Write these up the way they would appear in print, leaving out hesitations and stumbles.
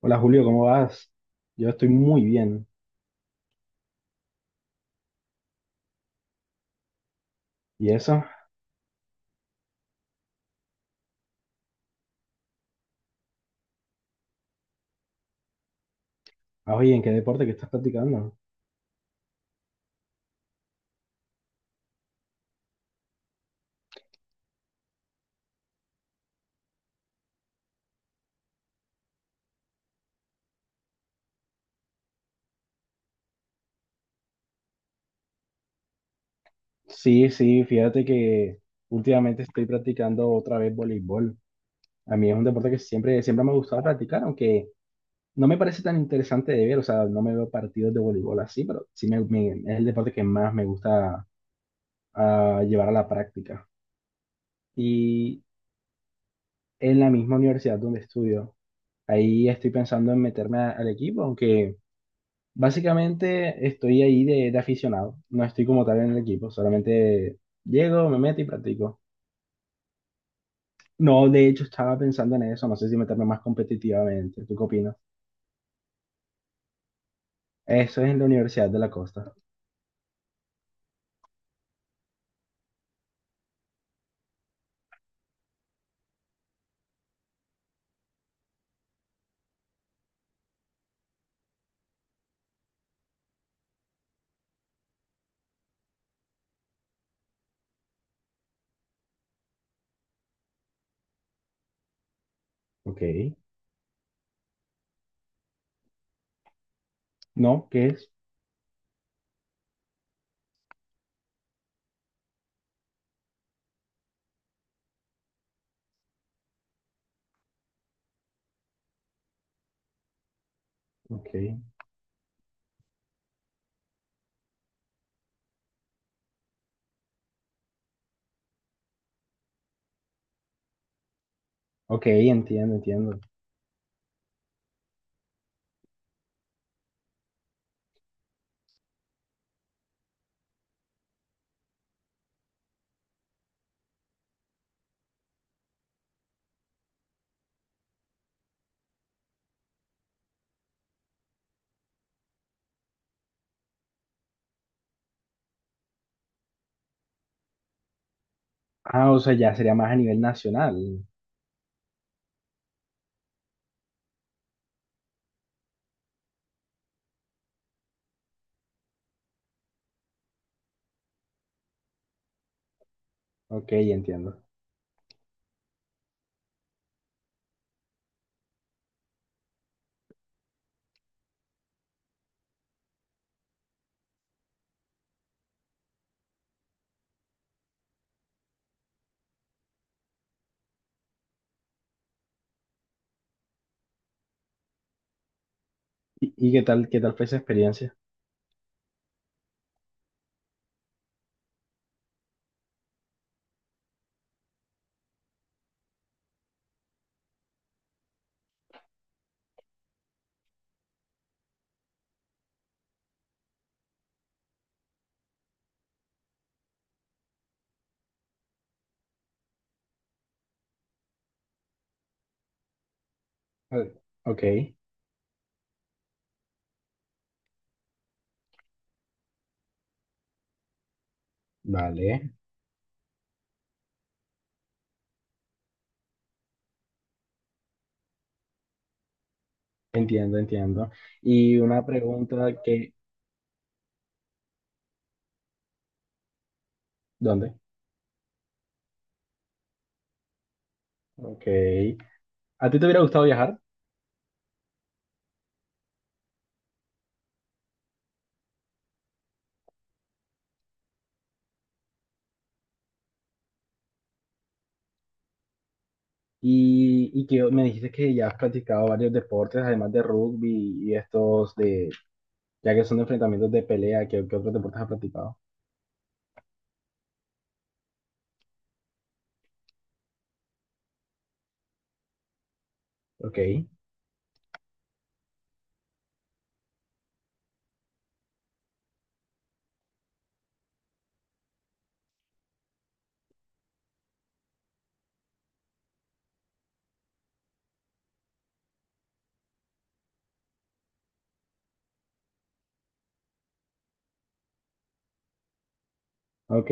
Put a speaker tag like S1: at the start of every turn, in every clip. S1: Hola Julio, ¿cómo vas? Yo estoy muy bien. ¿Y eso? Oye, ¿en qué deporte que estás practicando? Sí, sí, fíjate que últimamente estoy practicando otra vez voleibol. A mí es un deporte que siempre, siempre me ha gustado practicar, aunque no me parece tan interesante de ver, o sea, no me veo partidos de voleibol así, pero sí es el deporte que más me gusta llevar a la práctica. Y en la misma universidad donde estudio, ahí estoy pensando en meterme al equipo, aunque... Básicamente estoy ahí de aficionado, no estoy como tal en el equipo, solamente llego, me meto y practico. No, de hecho estaba pensando en eso, no sé si meterme más competitivamente, ¿tú qué opinas? Eso es en la Universidad de la Costa. Ok. ¿No? ¿Qué es? Ok. Ok, entiendo, entiendo. Ah, o sea, ya sería más a nivel nacional. Ok, entiendo. ¿Y qué tal fue esa experiencia? Vale. Ok, vale. Entiendo, entiendo. Y una pregunta que, ¿dónde? Ok. ¿A ti te hubiera gustado viajar? Y que me dijiste que ya has practicado varios deportes, además de rugby y estos de, ya que son de enfrentamientos de pelea, ¿qué, qué otros deportes has practicado? Ok, ok.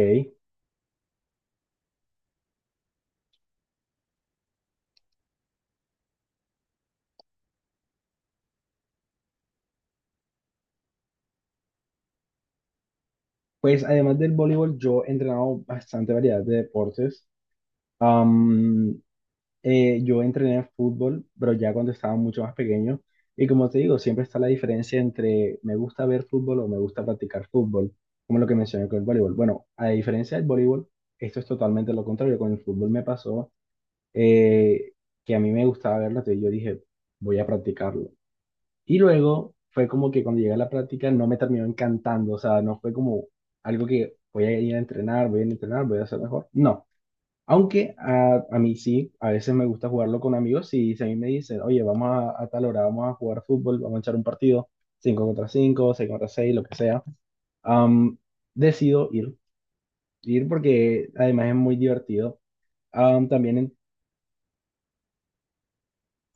S1: Pues además del voleibol, yo he entrenado bastante variedad de deportes. Am, yo entrené fútbol, pero ya cuando estaba mucho más pequeño. Y como te digo, siempre está la diferencia entre me gusta ver fútbol o me gusta practicar fútbol, como lo que mencioné con el voleibol. Bueno, a diferencia del voleibol, esto es totalmente lo contrario. Con el fútbol me pasó eh, que a mí me gustaba verlo, entonces yo dije, voy a practicarlo. Y luego fue como que cuando llegué a la práctica no me terminó encantando, o sea, no fue como algo que voy a ir a entrenar, voy a ir a entrenar, voy a hacer mejor. No, aunque a mí sí, a veces me gusta jugarlo con amigos y si a mí me dicen, oye, vamos a tal hora, vamos a jugar fútbol, vamos a echar un partido, 5 contra cinco, 6 contra seis, lo que sea, am, decido ir porque además es muy divertido. Am, también, en-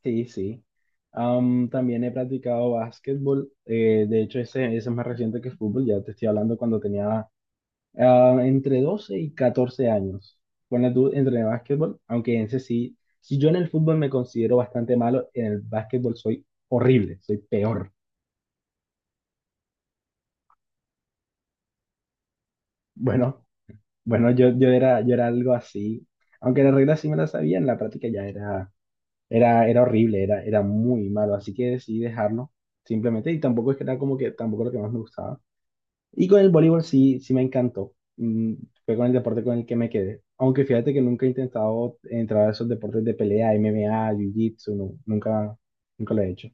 S1: sí, sí, también he practicado básquetbol, de hecho ese es más reciente que fútbol, ya te estoy hablando cuando tenía entre 12 y 14 años. Ponle tú, entre básquetbol, aunque en ese sí, si yo en el fútbol me considero bastante malo, en el básquetbol soy horrible, soy peor. Bueno, bueno, yo era, yo era algo así, aunque las reglas sí me las sabía, en la práctica ya era horrible, era muy malo, así que decidí dejarlo simplemente, y tampoco es que era como que, tampoco lo que más me gustaba. Y con el voleibol sí, sí me encantó. Fue con el deporte con el que me quedé. Aunque fíjate que nunca he intentado entrar a esos deportes de pelea, MMA, Jiu-Jitsu, no, nunca, nunca lo he hecho.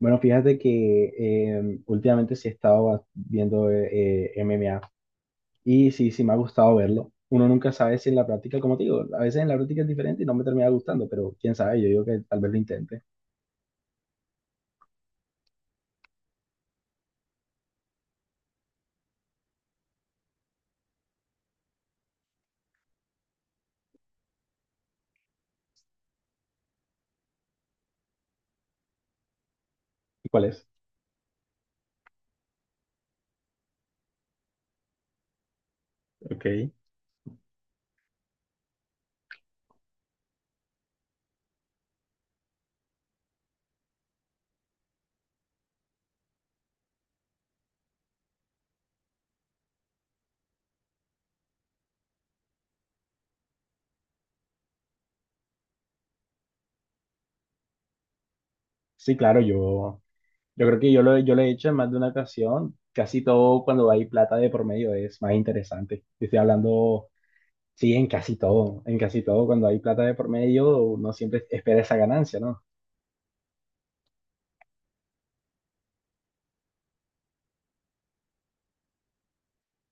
S1: Bueno, fíjate que últimamente sí he estado viendo MMA y sí, sí me ha gustado verlo. Uno nunca sabe si en la práctica, como te digo, a veces en la práctica es diferente y no me termina gustando, pero quién sabe, yo digo que tal vez lo intente. ¿Y cuál es? Ok. Sí, claro, yo creo que yo lo he hecho en más de una ocasión. Casi todo cuando hay plata de por medio es más interesante. Yo Estoy hablando, sí, en casi todo. En casi todo, cuando hay plata de por medio, uno siempre espera esa ganancia, ¿no?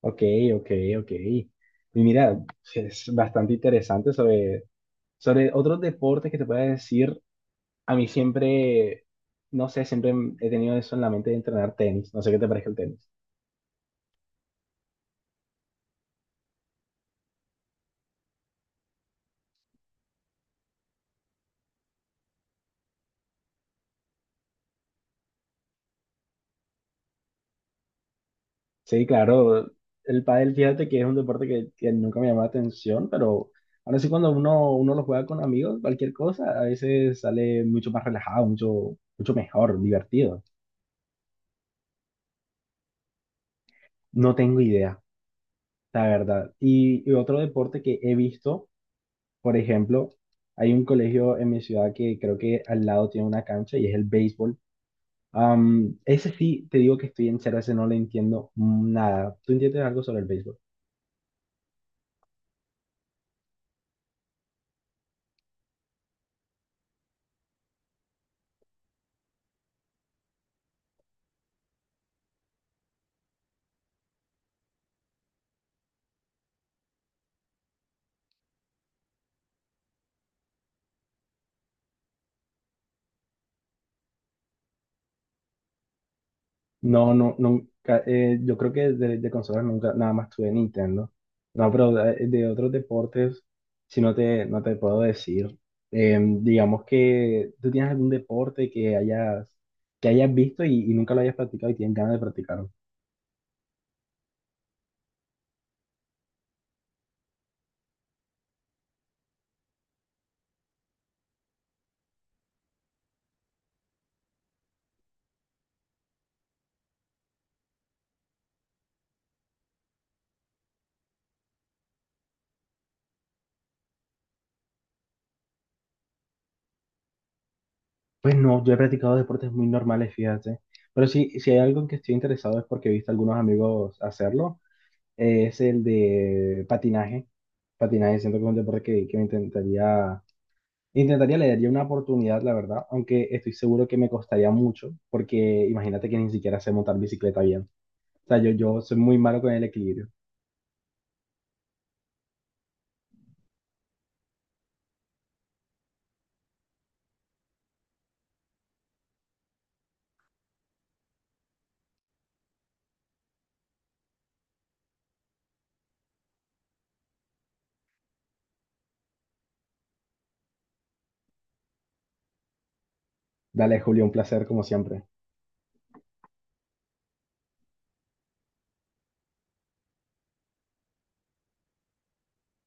S1: Ok, ok, ok. Y mira, es bastante interesante sobre otros deportes que te pueda decir. A mí siempre, no sé, siempre he tenido eso en la mente de entrenar tenis. No sé qué te parece el tenis. Sí, claro. El pádel, fíjate que es un deporte que nunca me llamó la atención, pero ahora sí cuando uno lo juega con amigos, cualquier cosa, a veces sale mucho más relajado, mucho, mucho mejor, divertido. No tengo idea, la verdad. Y otro deporte que he visto, por ejemplo, hay un colegio en mi ciudad que creo que al lado tiene una cancha y es el béisbol. Am, ese sí, te digo que estoy en cero, ese no le entiendo nada. ¿Tú entiendes algo sobre el béisbol? No, no, nunca. Eh, yo creo que de consolas nunca, nada más tuve Nintendo. No, pero de otros deportes, si no no te puedo decir. Digamos que tú tienes algún deporte que hayas visto y nunca lo hayas practicado y tienes ganas de practicarlo. Pues no, yo he practicado deportes muy normales, fíjate. Pero sí, si hay algo en que estoy interesado es porque he visto a algunos amigos hacerlo. Eh, es el de patinaje. Patinaje, siento que es un deporte que me intentaría intentaría, le daría una oportunidad, la verdad, aunque estoy seguro que me costaría mucho, porque imagínate que ni siquiera sé montar bicicleta bien. O sea, yo soy muy malo con el equilibrio. Dale, Julio, un placer como siempre.